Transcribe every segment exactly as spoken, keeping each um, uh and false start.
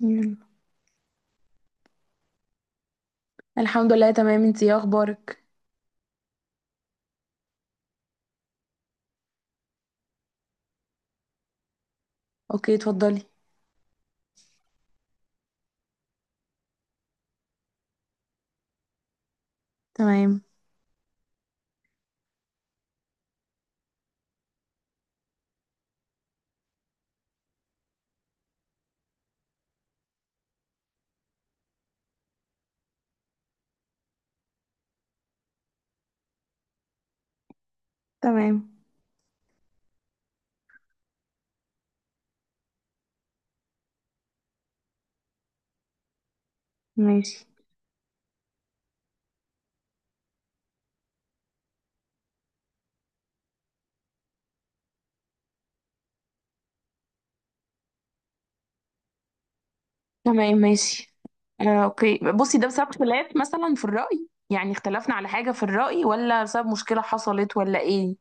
يلا. الحمد لله تمام، انتي ايه اخبارك؟ اوكي، اتفضلي. تمام. تمام، ماشي. تمام، ماشي. آه، اوكي، بصي ده بسبب خلاف مثلا في الرأي، يعني اختلفنا على حاجة في الرأي، ولا بسبب مشكلة حصلت ولا ايه؟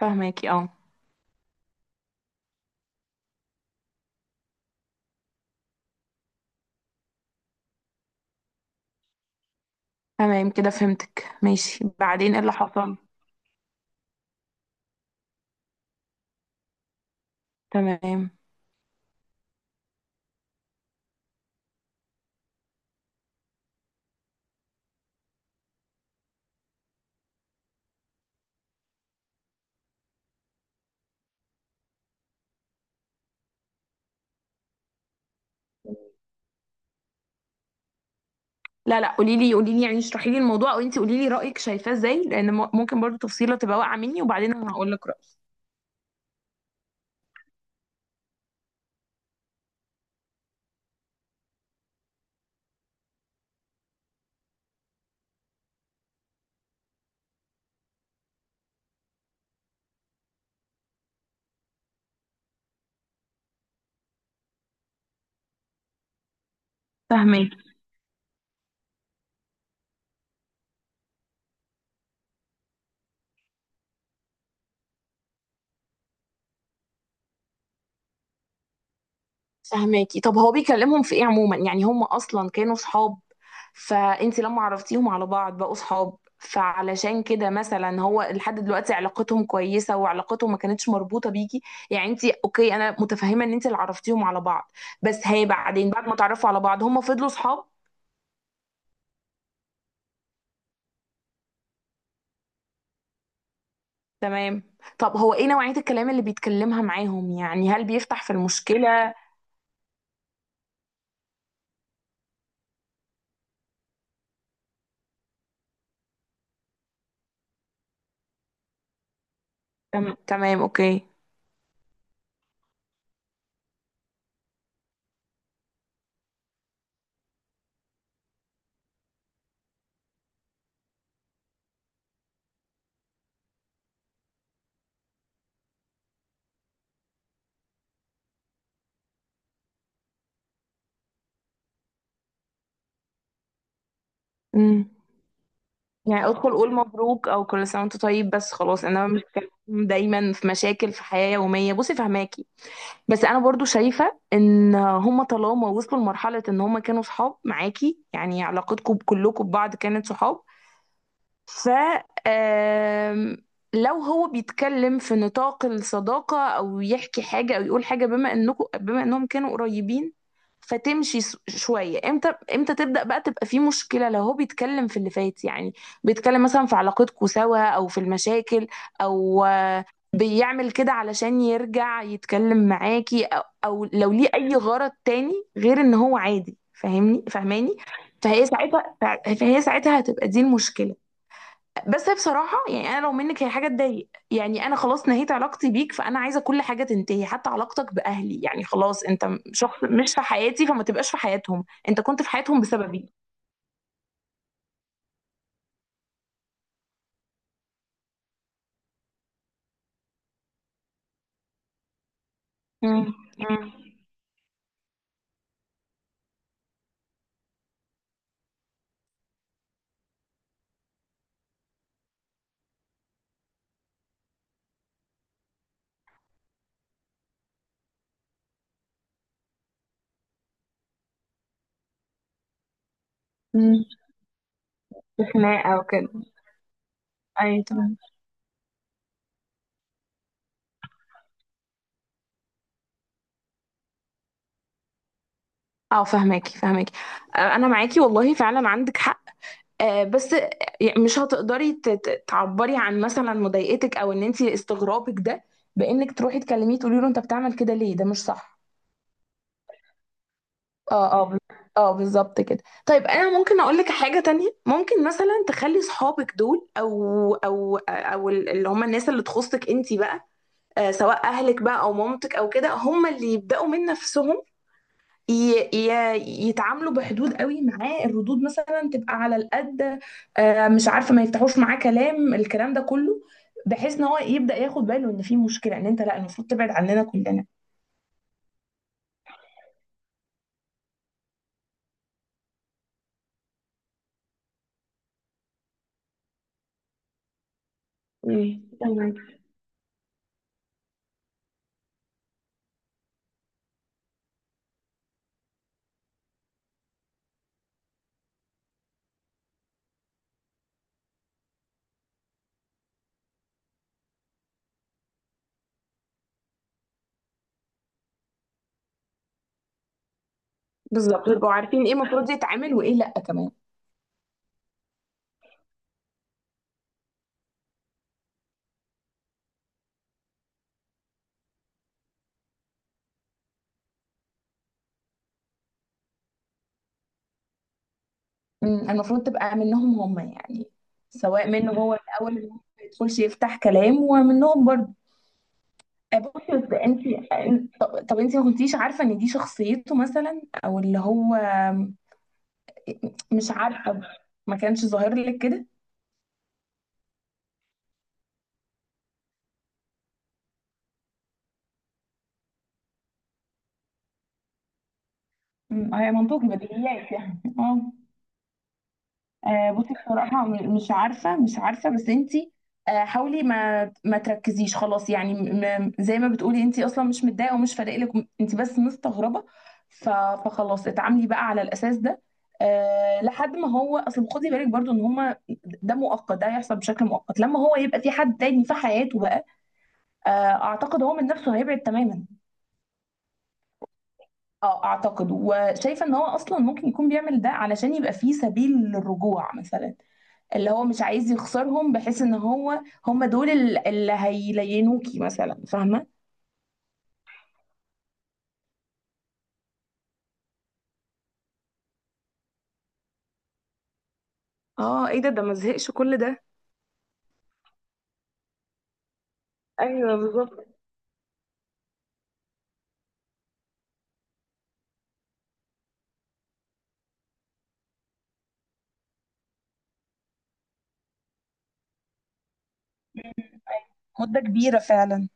فاهماكي، اه. تمام، كده فهمتك. ماشي، بعدين ايه اللي حصل؟ تمام. لا لا، قولي لي قولي لي، يعني اشرحي لي الموضوع، او انتي قولي لي رأيك شايفاه ازاي، لان م- ممكن برضو تفصيلة تبقى واقعة مني، وبعدين انا هقول لك رأيي. فاهماكي. فهماكي. طب هو بيكلمهم في ايه عموما؟ يعني هم اصلا كانوا صحاب، فانت لما عرفتيهم على بعض بقوا صحاب، فعلشان كده مثلا هو لحد دلوقتي علاقتهم كويسه، وعلاقتهم ما كانتش مربوطه بيكي. يعني انت اوكي، انا متفهمه ان انت اللي عرفتيهم على بعض، بس هي بعدين بعد ما تعرفوا على بعض هم فضلوا صحاب. تمام. طب هو ايه نوعيه الكلام اللي بيتكلمها معاهم؟ يعني هل بيفتح في المشكله؟ تم... تمام، اوكي. امم يعني ادخل قول مبروك او كل سنه وانت طيب، بس خلاص، انما مش كلام دايما في مشاكل في حياه يوميه. بصي فهماكي، بس انا برضو شايفه ان هما طالما وصلوا لمرحله ان هما كانوا صحاب معاكي، يعني علاقتكم كلكم ببعض كانت صحاب، ف آم، لو هو بيتكلم في نطاق الصداقة أو يحكي حاجة أو يقول حاجة بما إنكم بما إنهم كانوا قريبين، فتمشي س- شوية. امتى امتى تبدأ بقى تبقى في مشكلة؟ لو هو بيتكلم في اللي فات، يعني بيتكلم مثلا في علاقتكم سوا أو في المشاكل، أو آه، بيعمل كده علشان يرجع يتكلم معاكي، أو, أو لو ليه أي غرض تاني غير إن هو عادي، فاهمني فاهماني؟ فهي ساعتها، فهي ساعتها هتبقى دي المشكلة. بس هي بصراحة، يعني أنا لو منك، هي حاجة تضايق، يعني أنا خلاص نهيت علاقتي بيك، فأنا عايزة كل حاجة تنتهي حتى علاقتك بأهلي، يعني خلاص أنت م- شخص مش في حياتي، فما تبقاش في حياتهم، أنت كنت في حياتهم بسببي. امم. امم. امم. خناقة وكده. أيوة، تمام. اه فهماكي فهماكي. آه، انا معاكي والله، فعلا عندك حق. آه، بس يعني مش هتقدري ت- ت- تعبري عن مثلا مضايقتك او ان انت استغرابك ده، بانك تروحي تكلميه تقولي له انت بتعمل كده ليه، ده مش صح. اه اه، بال- اه بالظبط كده. طيب انا ممكن اقول لك حاجه تانية، ممكن مثلا تخلي صحابك دول او او او ال- اللي هم الناس اللي تخصك انت بقى، آه، سواء اهلك بقى او مامتك او كده، هم اللي يبداوا من نفسهم، ي- ي- يتعاملوا بحدود قوي معاه. الردود مثلا تبقى على القد، آه، مش عارفه، ما يفتحوش معاه كلام الكلام ده كله، بحيث ان هو يبدا ياخد باله ان في مشكله، ان انت لا، المفروض تبعد عننا كلنا. مم. تمام. بالظبط، يبقوا عارفين ايه المفروض يتعمل وايه لا كمان. مم، المفروض تبقى منهم هم يعني، سواء منه هو الاول ان هو ما يدخلش يفتح كلام، ومنهم برضه. آه، بصي، بس انت، طب, طب انت ما كنتيش عارفه ان دي شخصيته مثلا، او اللي هو مش عارفه، ما كانش ظاهر لك كده؟ أمم، هي منطوق بديهيات يعني، اه. آه، بصي بصراحة، م- مش عارفة مش عارفة، بس انتي آه، حاولي ما ما تركزيش خلاص، يعني م- م- زي ما بتقولي انتي اصلا مش متضايقة ومش فارق لك، انتي بس مستغربة. ف- فخلاص اتعاملي بقى على الاساس ده. أه لحد ما هو اصل، خدي بالك برضو ان هما، ده مؤقت، ده هيحصل بشكل مؤقت، لما هو يبقى في حد تاني في حياته بقى. آه، اعتقد هو من نفسه هيبعد تماما. اه اعتقد، وشايفة ان هو اصلا ممكن يكون بيعمل ده علشان يبقى فيه سبيل للرجوع مثلا، اللي هو مش عايز يخسرهم، بحيث ان هو هم دول ال- اللي هيلينوكي مثلا، فاهمه؟ اه، ايه ده ده ما زهقش كل ده؟ ايوه بالظبط. مده كبيره فعلا.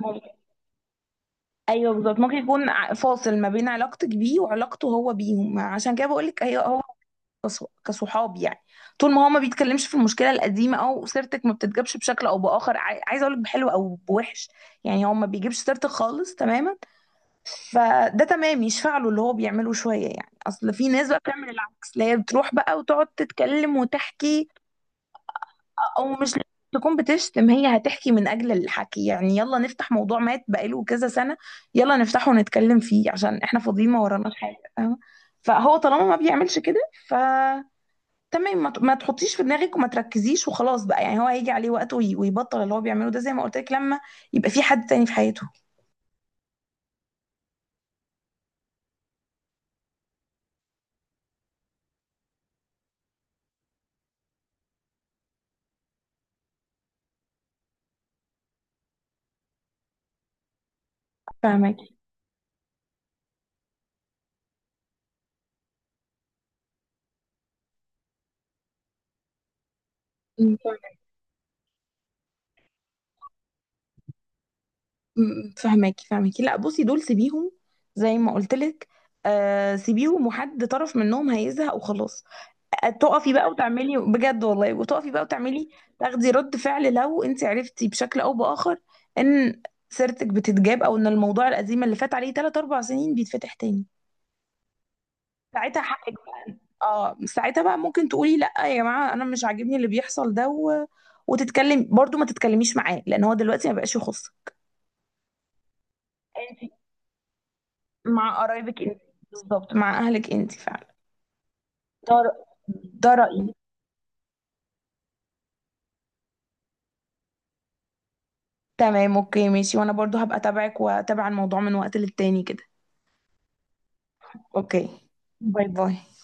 مم. ايوه بالظبط، ممكن يكون ع- فاصل ما بين علاقتك بيه وعلاقته هو بيهم، عشان كده بقول لك هي هو كص- كصحاب يعني. طول ما هو ما بيتكلمش في المشكله القديمه، او سيرتك ما بتتجابش بشكل او باخر، عاي- عايزه اقول لك بحلو او بوحش، يعني هو ما بيجيبش سيرتك خالص تماما، فده تمام، يشفع له اللي هو بيعمله شويه. يعني اصل في ناس بقى بتعمل العكس، اللي هي بتروح بقى وتقعد تتكلم وتحكي، او مش لازم تكون بتشتم، هي هتحكي من اجل الحكي، يعني يلا نفتح موضوع مات بقاله كذا سنه، يلا نفتحه ونتكلم فيه عشان احنا فاضيين ما وراناش حاجه، فاهمة؟ فهو طالما ما بيعملش كده، ف تمام، ما ت- ما تحطيش في دماغك، وما تركزيش، وخلاص بقى. يعني هو هيجي عليه وقت وي- ويبطل اللي هو بيعمله ده، زي ما قلت لك، لما يبقى في حد تاني في حياته. فاهمك. م- فهماكي فهماكي. لا بصي، دول سيبيهم، زي ما قلت لك، آه سيبيهم، وحد طرف منهم هيزهق وخلاص. آه، تقفي بقى وتعملي بجد والله، وتقفي بقى وتعملي، تاخدي رد فعل، لو انت عرفتي بشكل او باخر ان سيرتك بتتجاب، او ان الموضوع القديم اللي فات عليه ثلاث أو أربع سنين بيتفتح تاني، ساعتها حقك بقى، اه ساعتها بقى ممكن تقولي لا يا جماعه انا مش عاجبني اللي بيحصل ده، و... وتتكلم برضو، ما تتكلميش معاه لان هو دلوقتي ما بقاش يخصك. مع قرايبك انت، بالظبط، مع اهلك انت فعلا. ده ده رأيي. تمام اوكي ماشي، وانا برضو هبقى اتابعك واتابع الموضوع من وقت للتاني كده. اوكي. باي باي.